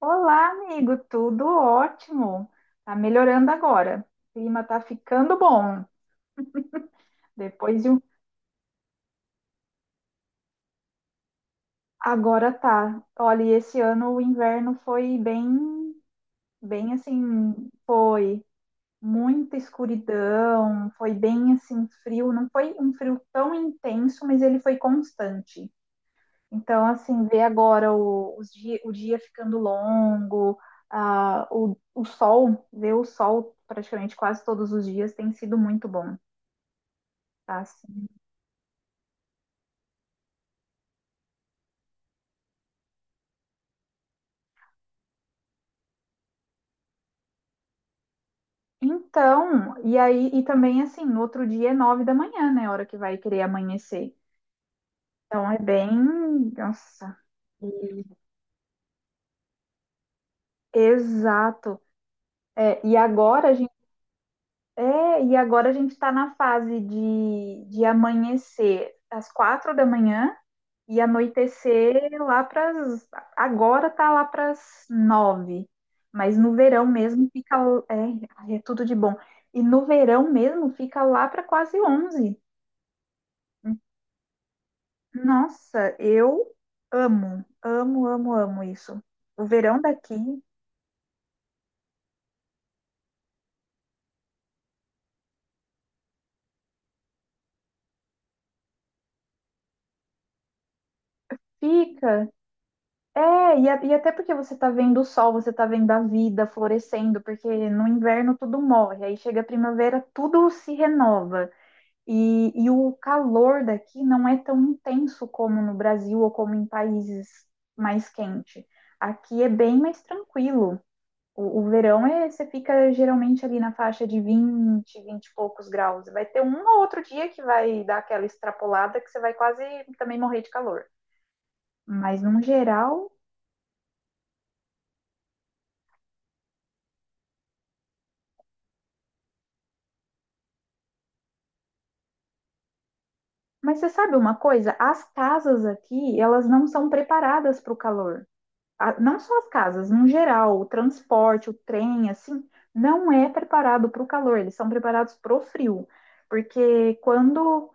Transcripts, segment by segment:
Olá, amigo, tudo ótimo. Tá melhorando agora. O clima tá ficando bom. Depois de um. Agora tá. Olha, e esse ano o inverno foi bem, bem assim, foi muita escuridão, foi bem assim frio, não foi um frio tão intenso, mas ele foi constante. Então, assim, ver agora o dia ficando longo, ah, ver o sol praticamente quase todos os dias tem sido muito bom. Passa. Então, e aí, e também assim, no outro dia é 9 da manhã, né? A hora que vai querer amanhecer. Então é bem. Nossa, exato. É, e agora a gente. É, e agora a gente tá na fase de, amanhecer às 4 da manhã e anoitecer lá para Agora tá lá pras nove. Mas no verão mesmo fica. É, ai, é tudo de bom. E no verão mesmo fica lá para quase 11. Nossa, eu amo, amo, amo, amo isso. O verão daqui fica. É, e, e até porque você tá vendo o sol, você tá vendo a vida florescendo, porque no inverno tudo morre, aí chega a primavera, tudo se renova. e o calor daqui não é tão intenso como no Brasil ou como em países mais quentes. Aqui é bem mais tranquilo. O verão é, você fica geralmente ali na faixa de 20, 20 e poucos graus. Vai ter um ou outro dia que vai dar aquela extrapolada que você vai quase também morrer de calor. Mas no geral, mas você sabe uma coisa? As casas aqui, elas não são preparadas para o calor. Não só as casas, no geral, o transporte, o trem, assim, não é preparado para o calor, eles são preparados para o frio. Porque quando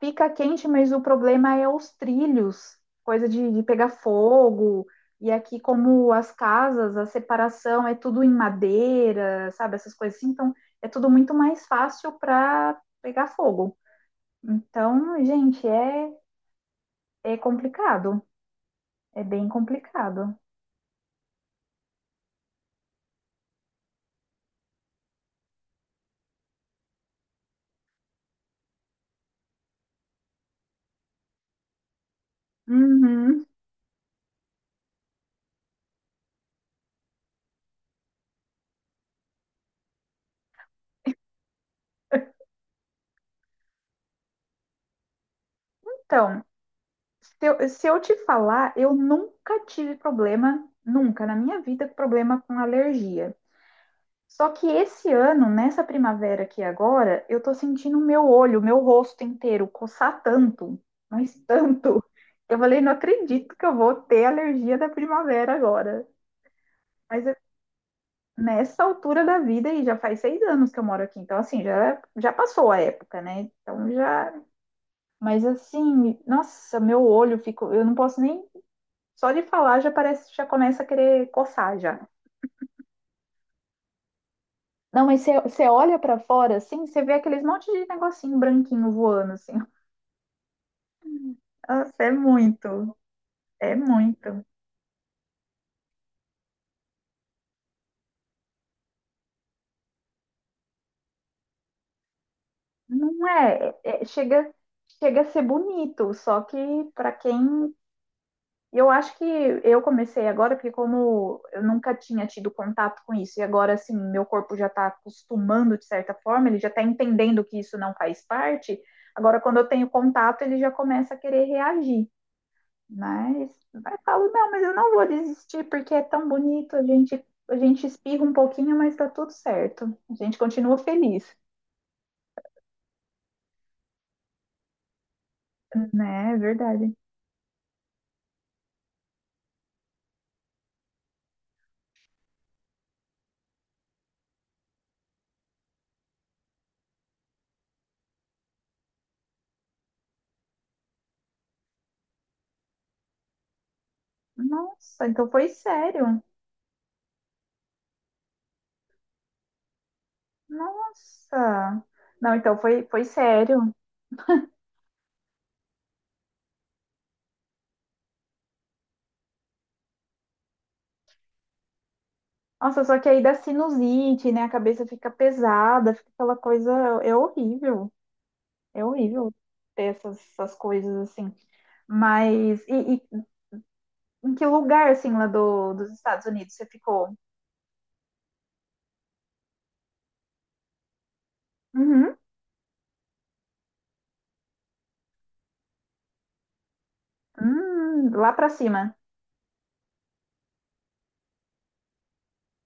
Fica quente, mas o problema é os trilhos, coisa de pegar fogo. E aqui, como as casas, a separação é tudo em madeira, sabe? Essas coisas assim. Então, é tudo muito mais fácil para pegar fogo. Então, gente, é, é complicado. É bem complicado. Uhum. Então, se eu te falar, eu nunca tive problema, nunca na minha vida, problema com alergia. Só que esse ano, nessa primavera aqui agora, eu tô sentindo o meu olho, o meu rosto inteiro coçar tanto, mas tanto. Eu falei, não acredito que eu vou ter alergia da primavera agora. Mas é nessa altura da vida, e já faz 6 anos que eu moro aqui, então assim, já, já passou a época, né? Então já. Mas assim, nossa, meu olho ficou. Eu não posso nem. Só de falar já parece, já começa a querer coçar já. Não, mas você olha pra fora, assim, você vê aqueles monte de negocinho branquinho voando, assim. Nossa, é muito, é muito. Não é, é- é- chega, chega a ser bonito, só que pra quem. Eu acho que eu comecei agora, porque como eu nunca tinha tido contato com isso, e agora, assim, meu corpo já tá acostumando de certa forma, ele já tá entendendo que isso não faz parte, agora quando eu tenho contato, ele já começa a querer reagir. Mas vai falo, não, mas eu não vou desistir porque é tão bonito, a gente espirra um pouquinho, mas tá tudo certo. A gente continua feliz, né? É verdade. Nossa, então foi sério. Nossa. Não, então foi sério. Nossa, só que aí dá sinusite, né? A cabeça fica pesada, fica aquela coisa, é horrível. É horrível ter essas coisas assim. Mas e em que lugar assim lá dos Estados Unidos você ficou? Uhum. Lá pra cima.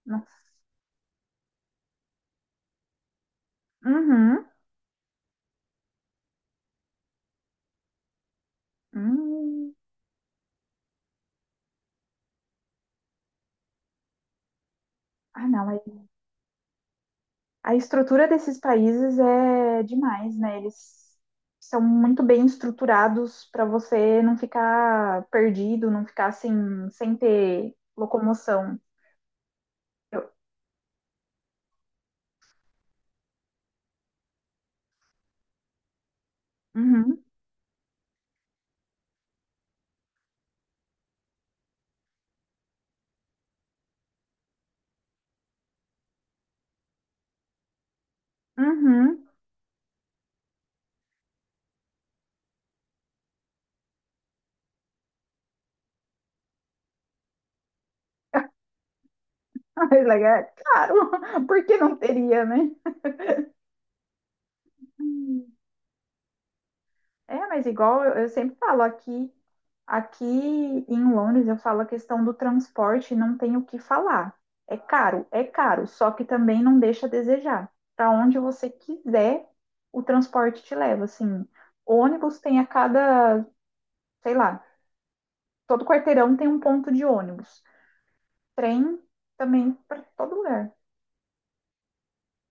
Nossa. Uhum. Hum. Ah, não. A estrutura desses países é demais, né? Eles são muito bem estruturados para você não ficar perdido, não ficar assim, sem ter locomoção. Eu- Uhum. Uhum. Mas legal. Claro, porque não teria, né? Hum. É, mas igual eu sempre falo aqui Aqui em Londres, eu falo a questão do transporte, não tem o que falar. É caro, só que também não deixa a desejar. Para onde você quiser, o transporte te leva. Assim, ônibus tem a cada, sei lá, todo quarteirão tem um ponto de ônibus. Trem também para todo lugar.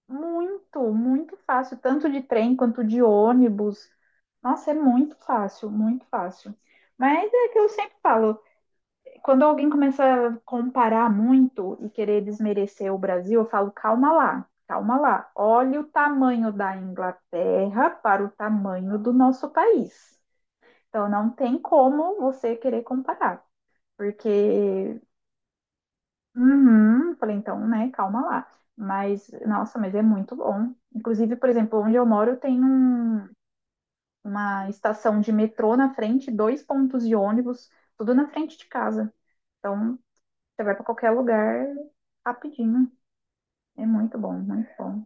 Muito, muito fácil, tanto de trem quanto de ônibus. Nossa, é muito fácil, muito fácil. Mas é que eu sempre falo. Quando alguém começa a comparar muito e querer desmerecer o Brasil, eu falo, calma lá, calma lá. Olha o tamanho da Inglaterra para o tamanho do nosso país. Então, não tem como você querer comparar, porque. Uhum, falei, então, né, calma lá. Mas, nossa, mas é muito bom. Inclusive, por exemplo, onde eu moro tem um- uma estação de metrô na frente, dois pontos de ônibus, tudo na frente de casa. Então, você vai para qualquer lugar rapidinho. É muito bom, muito bom.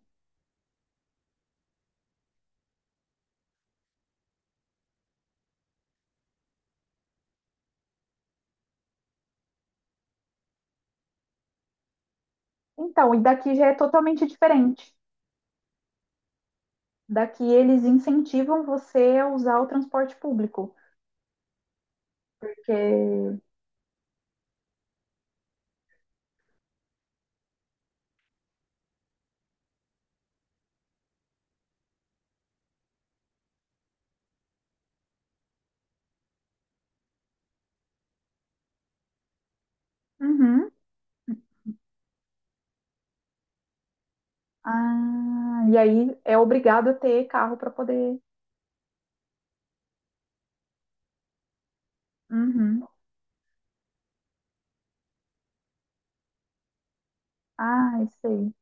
Então, e daqui já é totalmente diferente. Daqui eles incentivam você a usar o transporte público, porque Uhum. Ah, e aí é obrigado a ter carro para poder. Uhum. Ah, eu sei.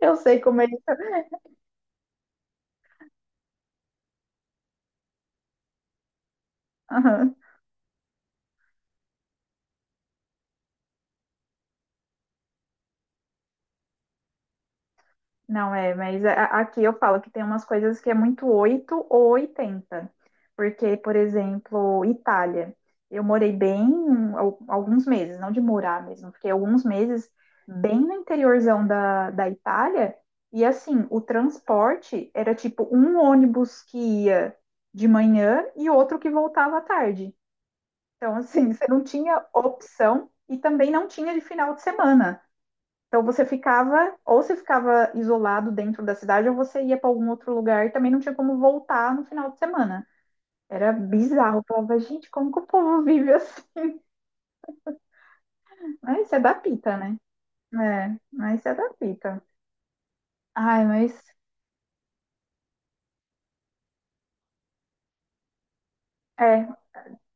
Eu sei como é isso. Aham. Não é, mas a- aqui eu falo que tem umas coisas que é muito 8 ou 80, porque, por exemplo, Itália. Eu morei bem alguns meses, não de morar mesmo, fiquei alguns meses bem no interiorzão da Itália. E assim, o transporte era tipo um ônibus que ia de manhã e outro que voltava à tarde. Então, assim, você não tinha opção e também não tinha de final de semana. Então você ficava, ou você ficava isolado dentro da cidade, ou você ia para algum outro lugar e também não tinha como voltar no final de semana. Era bizarro. Eu falava, gente, como que o povo vive assim? Mas isso é da pita, né? É, mas isso é da pita. Ai, mas é,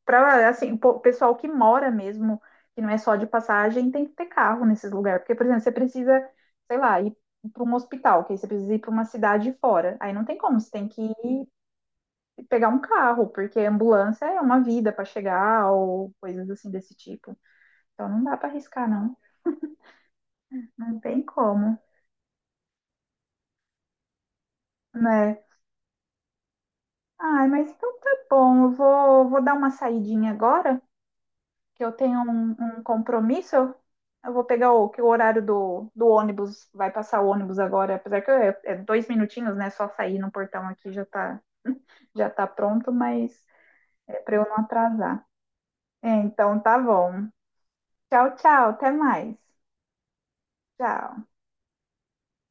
para assim, o po- pessoal que mora mesmo, que não é só de passagem, tem que ter carro nesses lugares. Porque, por exemplo, você precisa, sei lá, ir para um hospital, que aí você precisa ir para uma cidade fora. Aí não tem como, você tem que ir pegar um carro, porque ambulância é uma vida para chegar ou coisas assim desse tipo. Então não dá para arriscar, não. Não tem como, né? Ai, mas então tá bom. Eu vou dar uma saidinha agora, que eu tenho um, um compromisso. Eu vou pegar que o horário do ônibus, vai passar o ônibus agora, apesar que é 2 minutinhos, né? Só sair no portão aqui já tá, já tá pronto, mas é para eu não atrasar. É, então tá bom. Tchau, tchau. Até mais. Tchau.